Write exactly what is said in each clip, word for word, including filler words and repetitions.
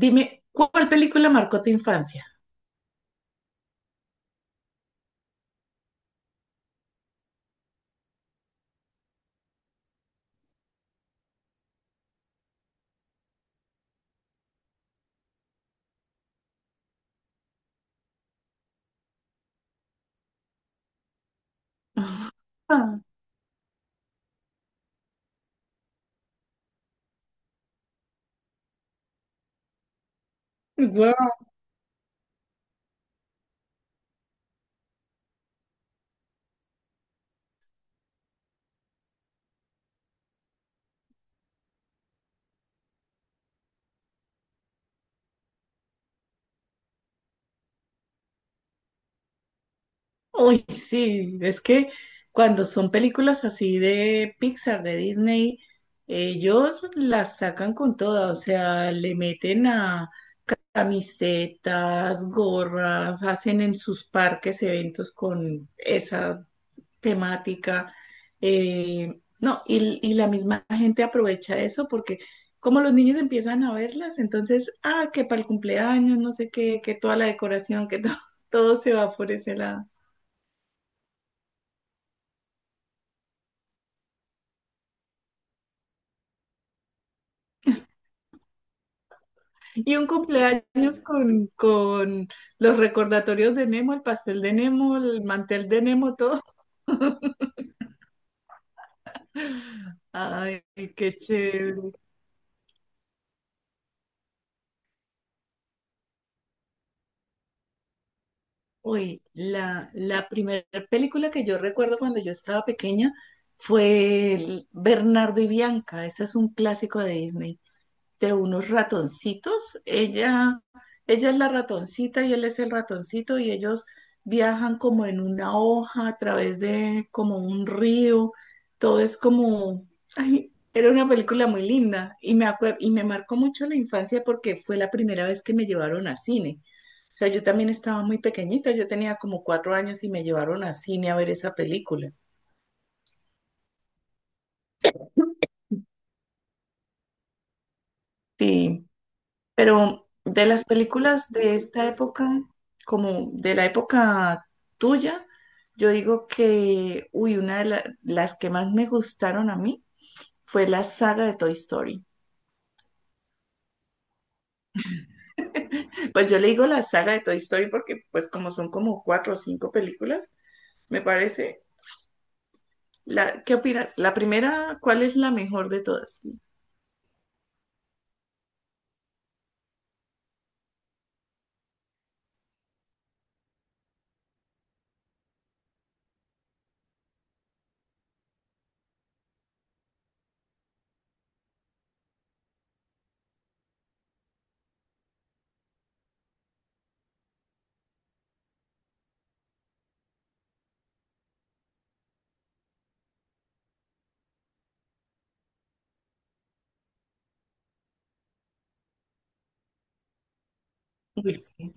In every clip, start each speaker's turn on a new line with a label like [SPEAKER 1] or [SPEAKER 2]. [SPEAKER 1] Dime, ¿cuál película marcó tu infancia? Wow. Uy, sí, es que cuando son películas así de Pixar, de Disney, ellos las sacan con toda, o sea, le meten a camisetas, gorras, hacen en sus parques eventos con esa temática. Eh, no, y, y la misma gente aprovecha eso porque como los niños empiezan a verlas, entonces, ah, que para el cumpleaños, no sé qué, que toda la decoración, que to- todo se va por ese lado. Y un cumpleaños con, con los recordatorios de Nemo, el pastel de Nemo, el mantel de Nemo, todo. Ay, qué chévere. Uy, la, la primera película que yo recuerdo cuando yo estaba pequeña fue el Bernardo y Bianca. Ese es un clásico de Disney, de unos ratoncitos. Ella, ella es la ratoncita y él es el ratoncito y ellos viajan como en una hoja a través de como un río. Todo es como, ay, era una película muy linda y me acuer- y me marcó mucho la infancia porque fue la primera vez que me llevaron a cine. O sea, yo también estaba muy pequeñita, yo tenía como cuatro años y me llevaron a cine a ver esa película. Sí. Pero de las películas de esta época, como de la época tuya, yo digo que, uy, una de la- las que más me gustaron a mí fue la saga de Toy Story. Pues yo le digo la saga de Toy Story porque, pues como son como cuatro o cinco películas, me parece. La, ¿qué opinas? La primera, ¿cuál es la mejor de todas? Uy, sí.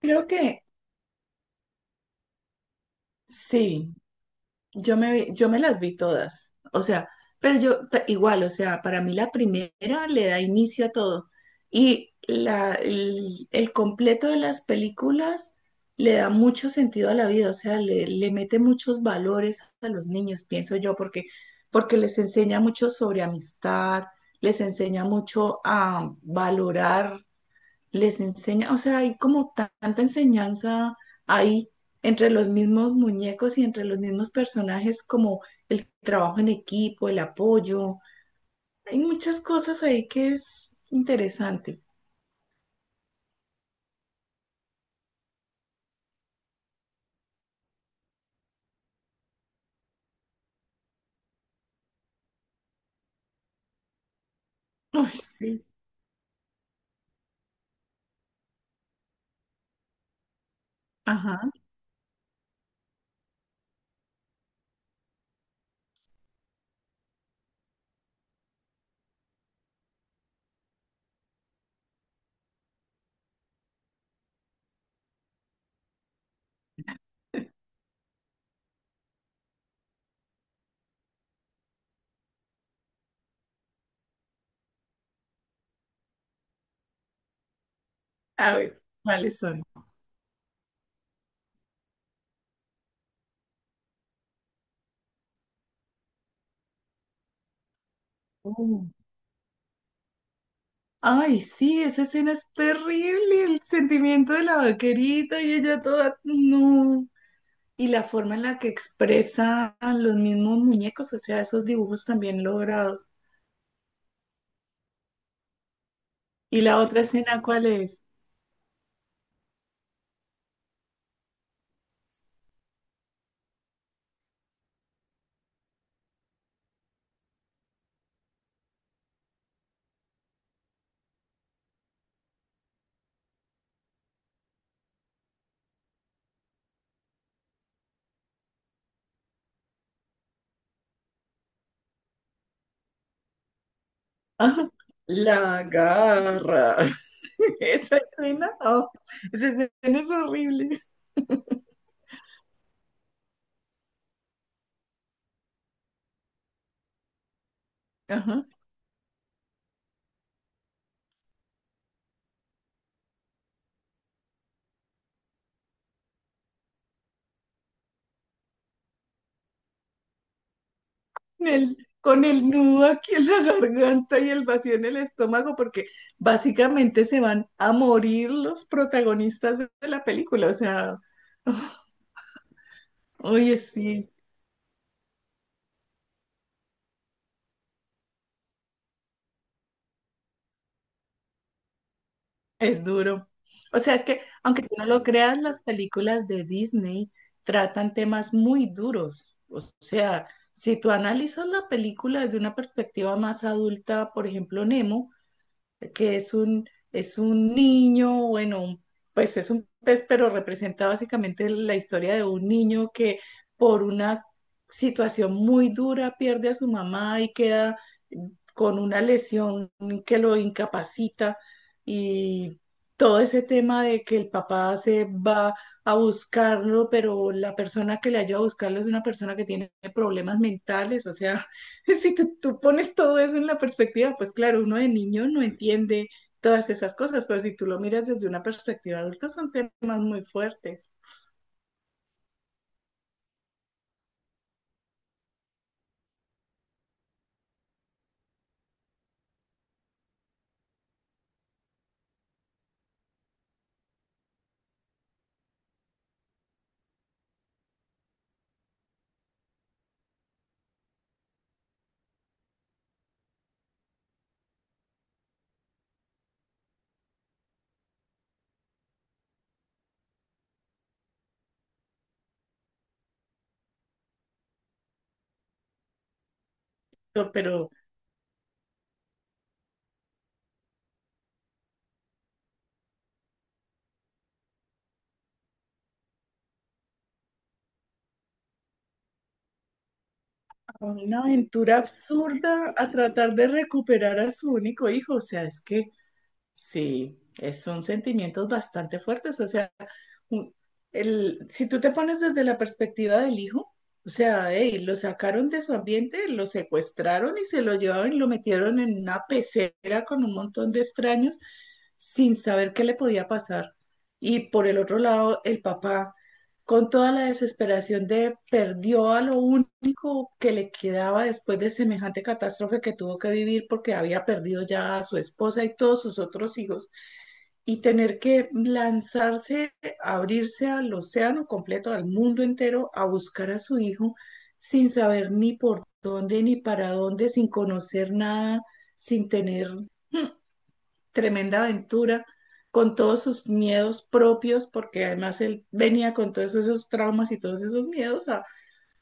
[SPEAKER 1] Creo que sí. Yo me, vi- yo me las vi todas, o sea, pero yo ta- igual, o sea, para mí la primera le da inicio a todo y la, el, el completo de las películas le da mucho sentido a la vida, o sea, le, le mete muchos valores a los niños, pienso yo, porque, porque les enseña mucho sobre amistad, les enseña mucho a valorar, les enseña, o sea, hay como ta- tanta enseñanza ahí entre los mismos muñecos y entre los mismos personajes, como el trabajo en equipo, el apoyo. Hay muchas cosas ahí que es interesante. Uy, sí, ajá. A ver, ¿cuáles son? Uh. Ay, sí, esa escena es terrible, el sentimiento de la vaquerita y ella toda, no. Y la forma en la que expresan los mismos muñecos, o sea, esos dibujos también logrados. ¿Y la otra escena cuál es? Ajá. La garra. Esa escena, oh, esa escena es horrible. Ajá. En el- con el nudo aquí en la garganta y el vacío en el estómago, porque básicamente se van a morir los protagonistas de de la película. O sea, oh, oye, sí. Es duro. O sea, es que aunque tú no lo creas, las películas de Disney tratan temas muy duros. O sea, si tú analizas la película desde una perspectiva más adulta, por ejemplo, Nemo, que es un, es un niño, bueno, un- pues es un pez, pero representa básicamente la historia de un niño que por una situación muy dura pierde a su mamá y queda con una lesión que lo incapacita y todo ese tema de que el papá se va a buscarlo, pero la persona que le ayuda a buscarlo es una persona que tiene problemas mentales, o sea, Si tú, tú pones todo eso en la perspectiva, pues claro, uno de niño no entiende todas esas cosas, pero si tú lo miras desde una perspectiva adulta, son temas muy fuertes. Pero pero una aventura absurda a tratar de recuperar a su único hijo, o sea, es que sí, es- son sentimientos bastante fuertes. O sea, un- el, si tú te pones desde la perspectiva del hijo, o sea, ey, lo sacaron de su ambiente, lo secuestraron y se lo llevaron y lo metieron en una pecera con un montón de extraños sin saber qué le podía pasar. Y por el otro lado, el papá con toda la desesperación de perdió a lo único que le quedaba después de semejante catástrofe que tuvo que vivir porque había perdido ya a su esposa y todos sus otros hijos, y tener que lanzarse, abrirse al océano completo, al mundo entero, a buscar a su hijo sin saber ni por dónde ni para dónde, sin conocer nada, sin tener tremenda aventura con todos sus miedos propios, porque además él venía con todos esos traumas y todos esos miedos a,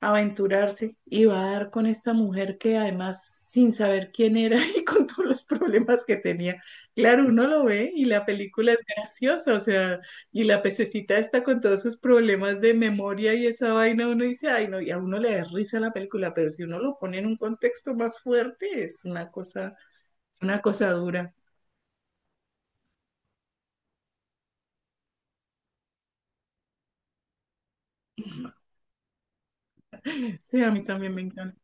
[SPEAKER 1] a aventurarse y va a dar con esta mujer que además sin saber quién era y con todos los problemas que tenía. Claro, uno lo ve y la película es graciosa, o sea, y la pececita está con todos sus problemas de memoria y esa vaina, uno dice, ay no, y a uno le da risa la película, pero si uno lo pone en un contexto más fuerte, es una cosa, es una cosa dura. Sí, a mí también me encanta.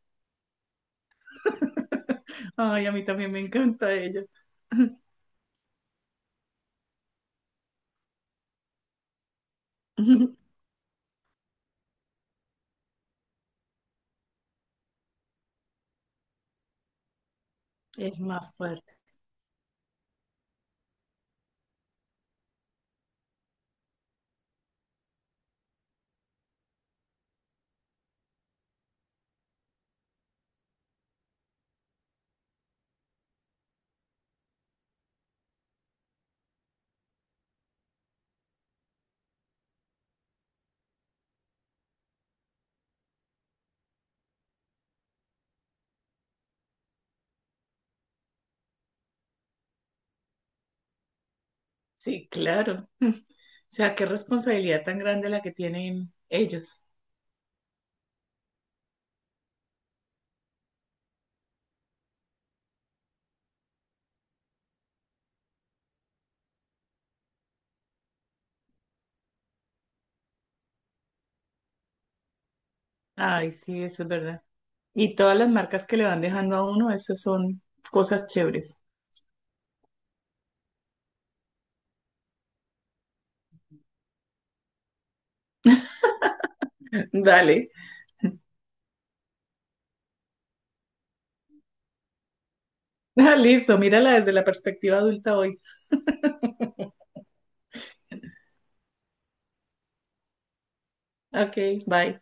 [SPEAKER 1] Ay, a mí también me encanta ella. Es más fuerte. Sí, claro. O sea, qué responsabilidad tan grande la que tienen ellos. Ay, sí, eso es verdad. Y todas las marcas que le van dejando a uno, eso son cosas chéveres. Dale. Ah, listo, mírala desde la perspectiva adulta hoy. Ok, bye.